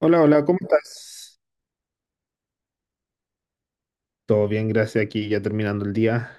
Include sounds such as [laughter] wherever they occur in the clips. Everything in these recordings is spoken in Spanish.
Hola, hola, ¿cómo estás? Todo bien, gracias. Aquí ya terminando el día.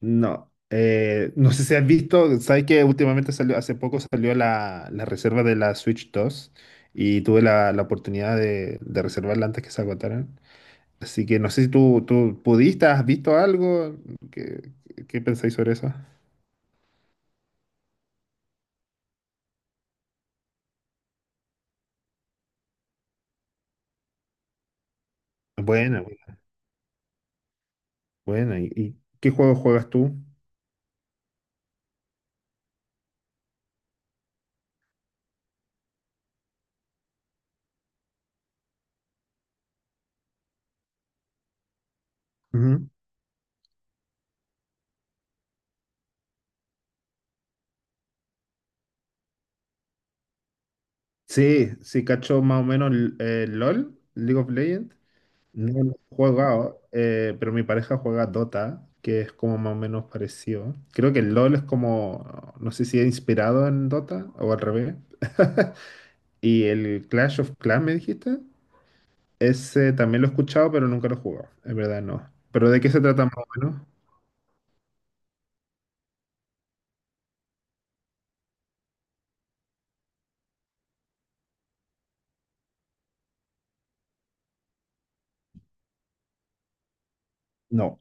No, no sé si has visto, sabes que últimamente salió, hace poco salió la reserva de la Switch 2 y tuve la oportunidad de reservarla antes que se agotaran. Así que no sé si tú pudiste, has visto algo. ¿Qué, qué pensáis sobre eso? Buena, buena, buena. Y qué juego juegas tú? Ujú. Sí, sí, cacho más o menos el LOL, League of Legends. No he jugado, pero mi pareja juega Dota, que es como más o menos parecido. Creo que el LOL es como, no sé si es inspirado en Dota o al revés. [laughs] Y el Clash of Clans, me dijiste, ese también lo he escuchado, pero nunca lo he jugado. Es verdad, no. ¿Pero de qué se trata más o menos? No,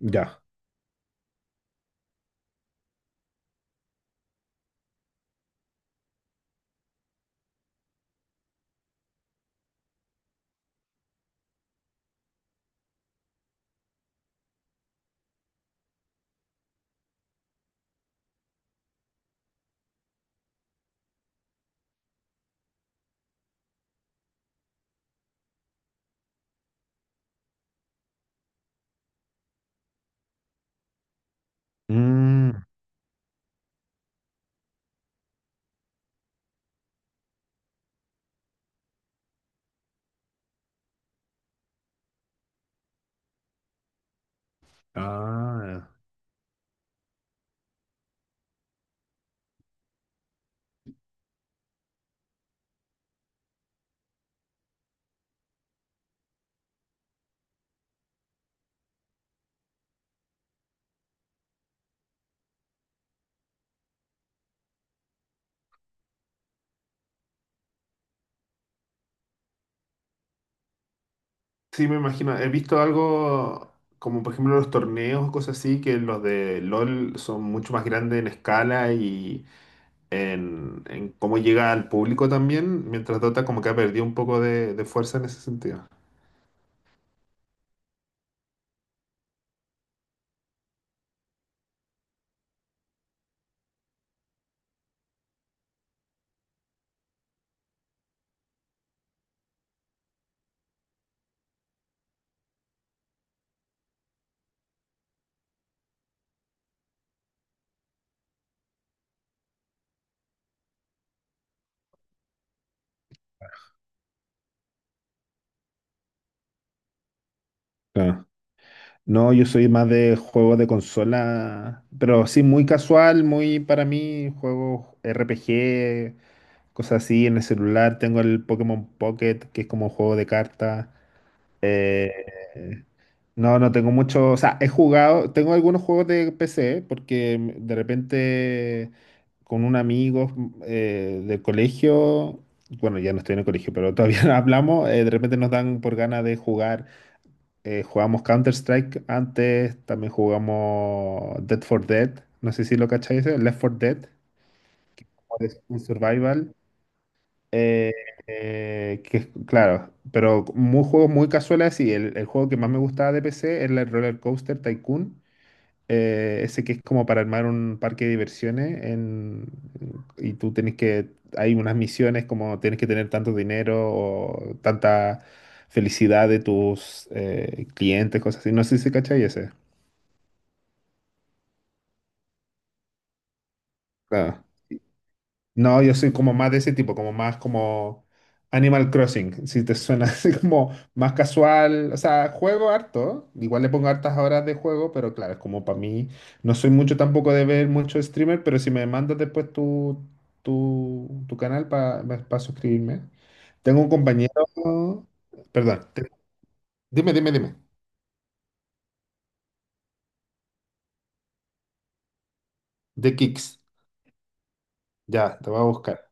ya. Mm, ah. Sí, me imagino. He visto algo como, por ejemplo, los torneos o cosas así, que los de LOL son mucho más grandes en escala y en cómo llega al público también, mientras Dota como que ha perdido un poco de fuerza en ese sentido. Claro. No, yo soy más de juegos de consola, pero sí muy casual, muy para mí, juegos RPG, cosas así en el celular. Tengo el Pokémon Pocket, que es como un juego de cartas. Eh, No, no tengo mucho, o sea, he jugado, tengo algunos juegos de PC porque de repente con un amigo del colegio, bueno, ya no estoy en el colegio, pero todavía [laughs] hablamos, de repente nos dan por ganas de jugar, jugamos Counter-Strike antes, también jugamos Dead for Dead, no sé si lo cacháis, Left for Dead, es un survival, eh, que claro, pero muy juegos muy casuales y el juego que más me gustaba de PC era el Roller Coaster Tycoon, ese que es como para armar un parque de diversiones y tú tienes que, hay unas misiones como tienes que tener tanto dinero o tanta felicidad de tus clientes, cosas así. No sé si cachai ese. Claro. No, yo soy como más de ese tipo, como más como Animal Crossing, si te suena [laughs] así como más casual, o sea, juego harto, igual le pongo hartas horas de juego, pero claro, es como para mí, no soy mucho tampoco de ver mucho streamer, pero si me mandas después tu canal para suscribirme. Tengo un compañero, perdón, dime, dime, dime, de Kicks, ya, te voy a buscar.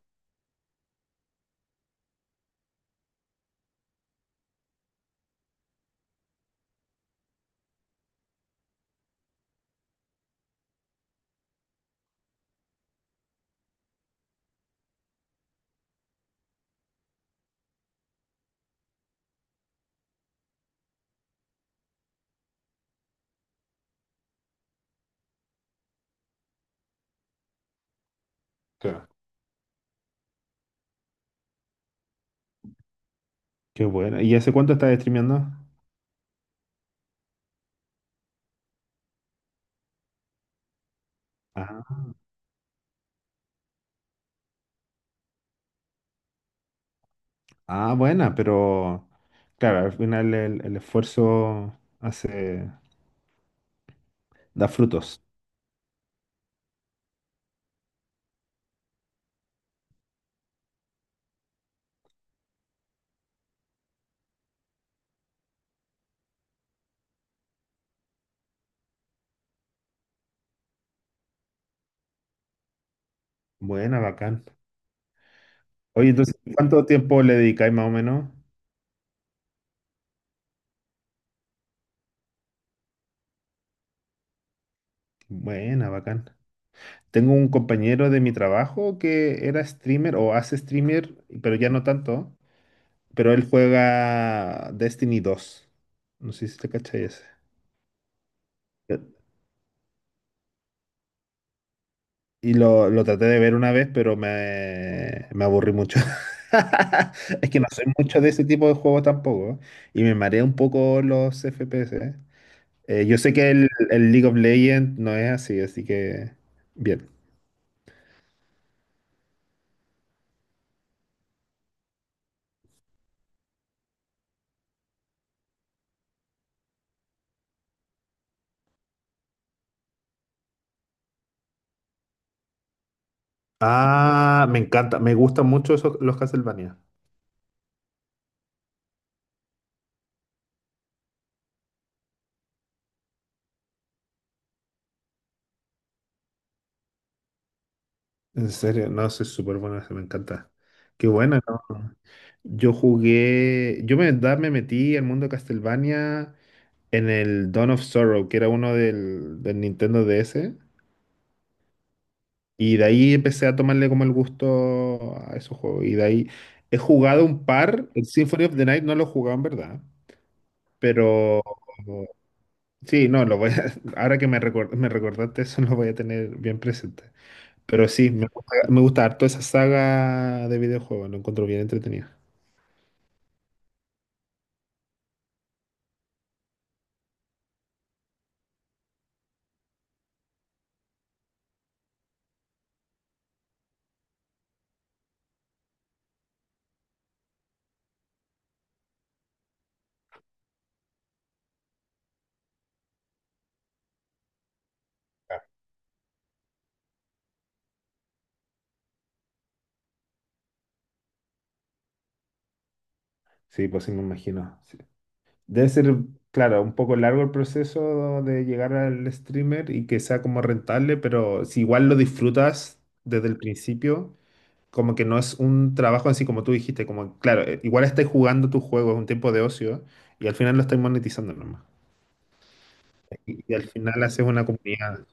Claro. Qué bueno, ¿y hace cuánto estás streameando? Ah, buena, pero claro, al final el esfuerzo hace, da frutos. Buena, bacán. Oye, entonces, ¿cuánto tiempo le dedicáis más o menos? Buena, bacán. Tengo un compañero de mi trabajo que era streamer o hace streamer, pero ya no tanto, pero él juega Destiny dos. No sé si te cachai ese. Y lo traté de ver una vez, pero me aburrí mucho. [laughs] Es que no soy mucho de ese tipo de juegos tampoco. Y me marea un poco los FPS. ¿Eh? Yo sé que el League of Legends no es así, así que bien. Ah, me encanta, me gustan mucho esos, los Castlevania. En serio, no, soy súper bueno, me encanta. Qué bueno, ¿no? Yo jugué, yo me, da- Me metí al mundo de Castlevania en el Dawn of Sorrow, que era uno del Nintendo DS. Y de ahí empecé a tomarle como el gusto a esos juegos. Y de ahí he jugado un par. El Symphony of the Night no lo he jugado en verdad. Pero sí, no, [laughs] ahora que me recordaste eso, [laughs] lo voy a tener bien presente. Pero sí, me gusta harto esa saga de videojuegos. Lo encuentro bien entretenido. Sí, pues sí, me imagino. Sí. Debe ser, claro, un poco largo el proceso de llegar al streamer y que sea como rentable, pero si igual lo disfrutas desde el principio, como que no es un trabajo así como tú dijiste, como, claro, igual estáis jugando tu juego, es un tiempo de ocio, y al final lo estáis monetizando nomás. Y al final haces una comunidad.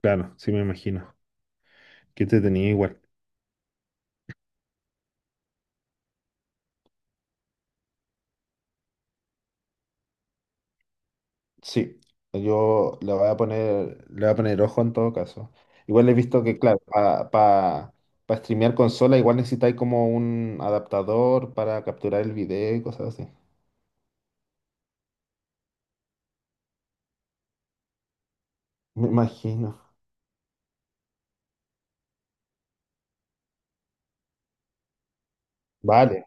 Claro, sí me imagino. Que te tenía igual. Sí, yo le voy a poner, le voy a poner ojo en todo caso. Igual he visto que, claro, para pa, pa streamear consola, igual necesitáis como un adaptador para capturar el video y cosas así. Me imagino. Vale,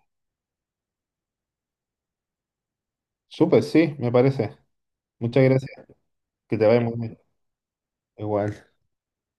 súper, sí, me parece. Muchas gracias. Que te vaya muy bien. Igual.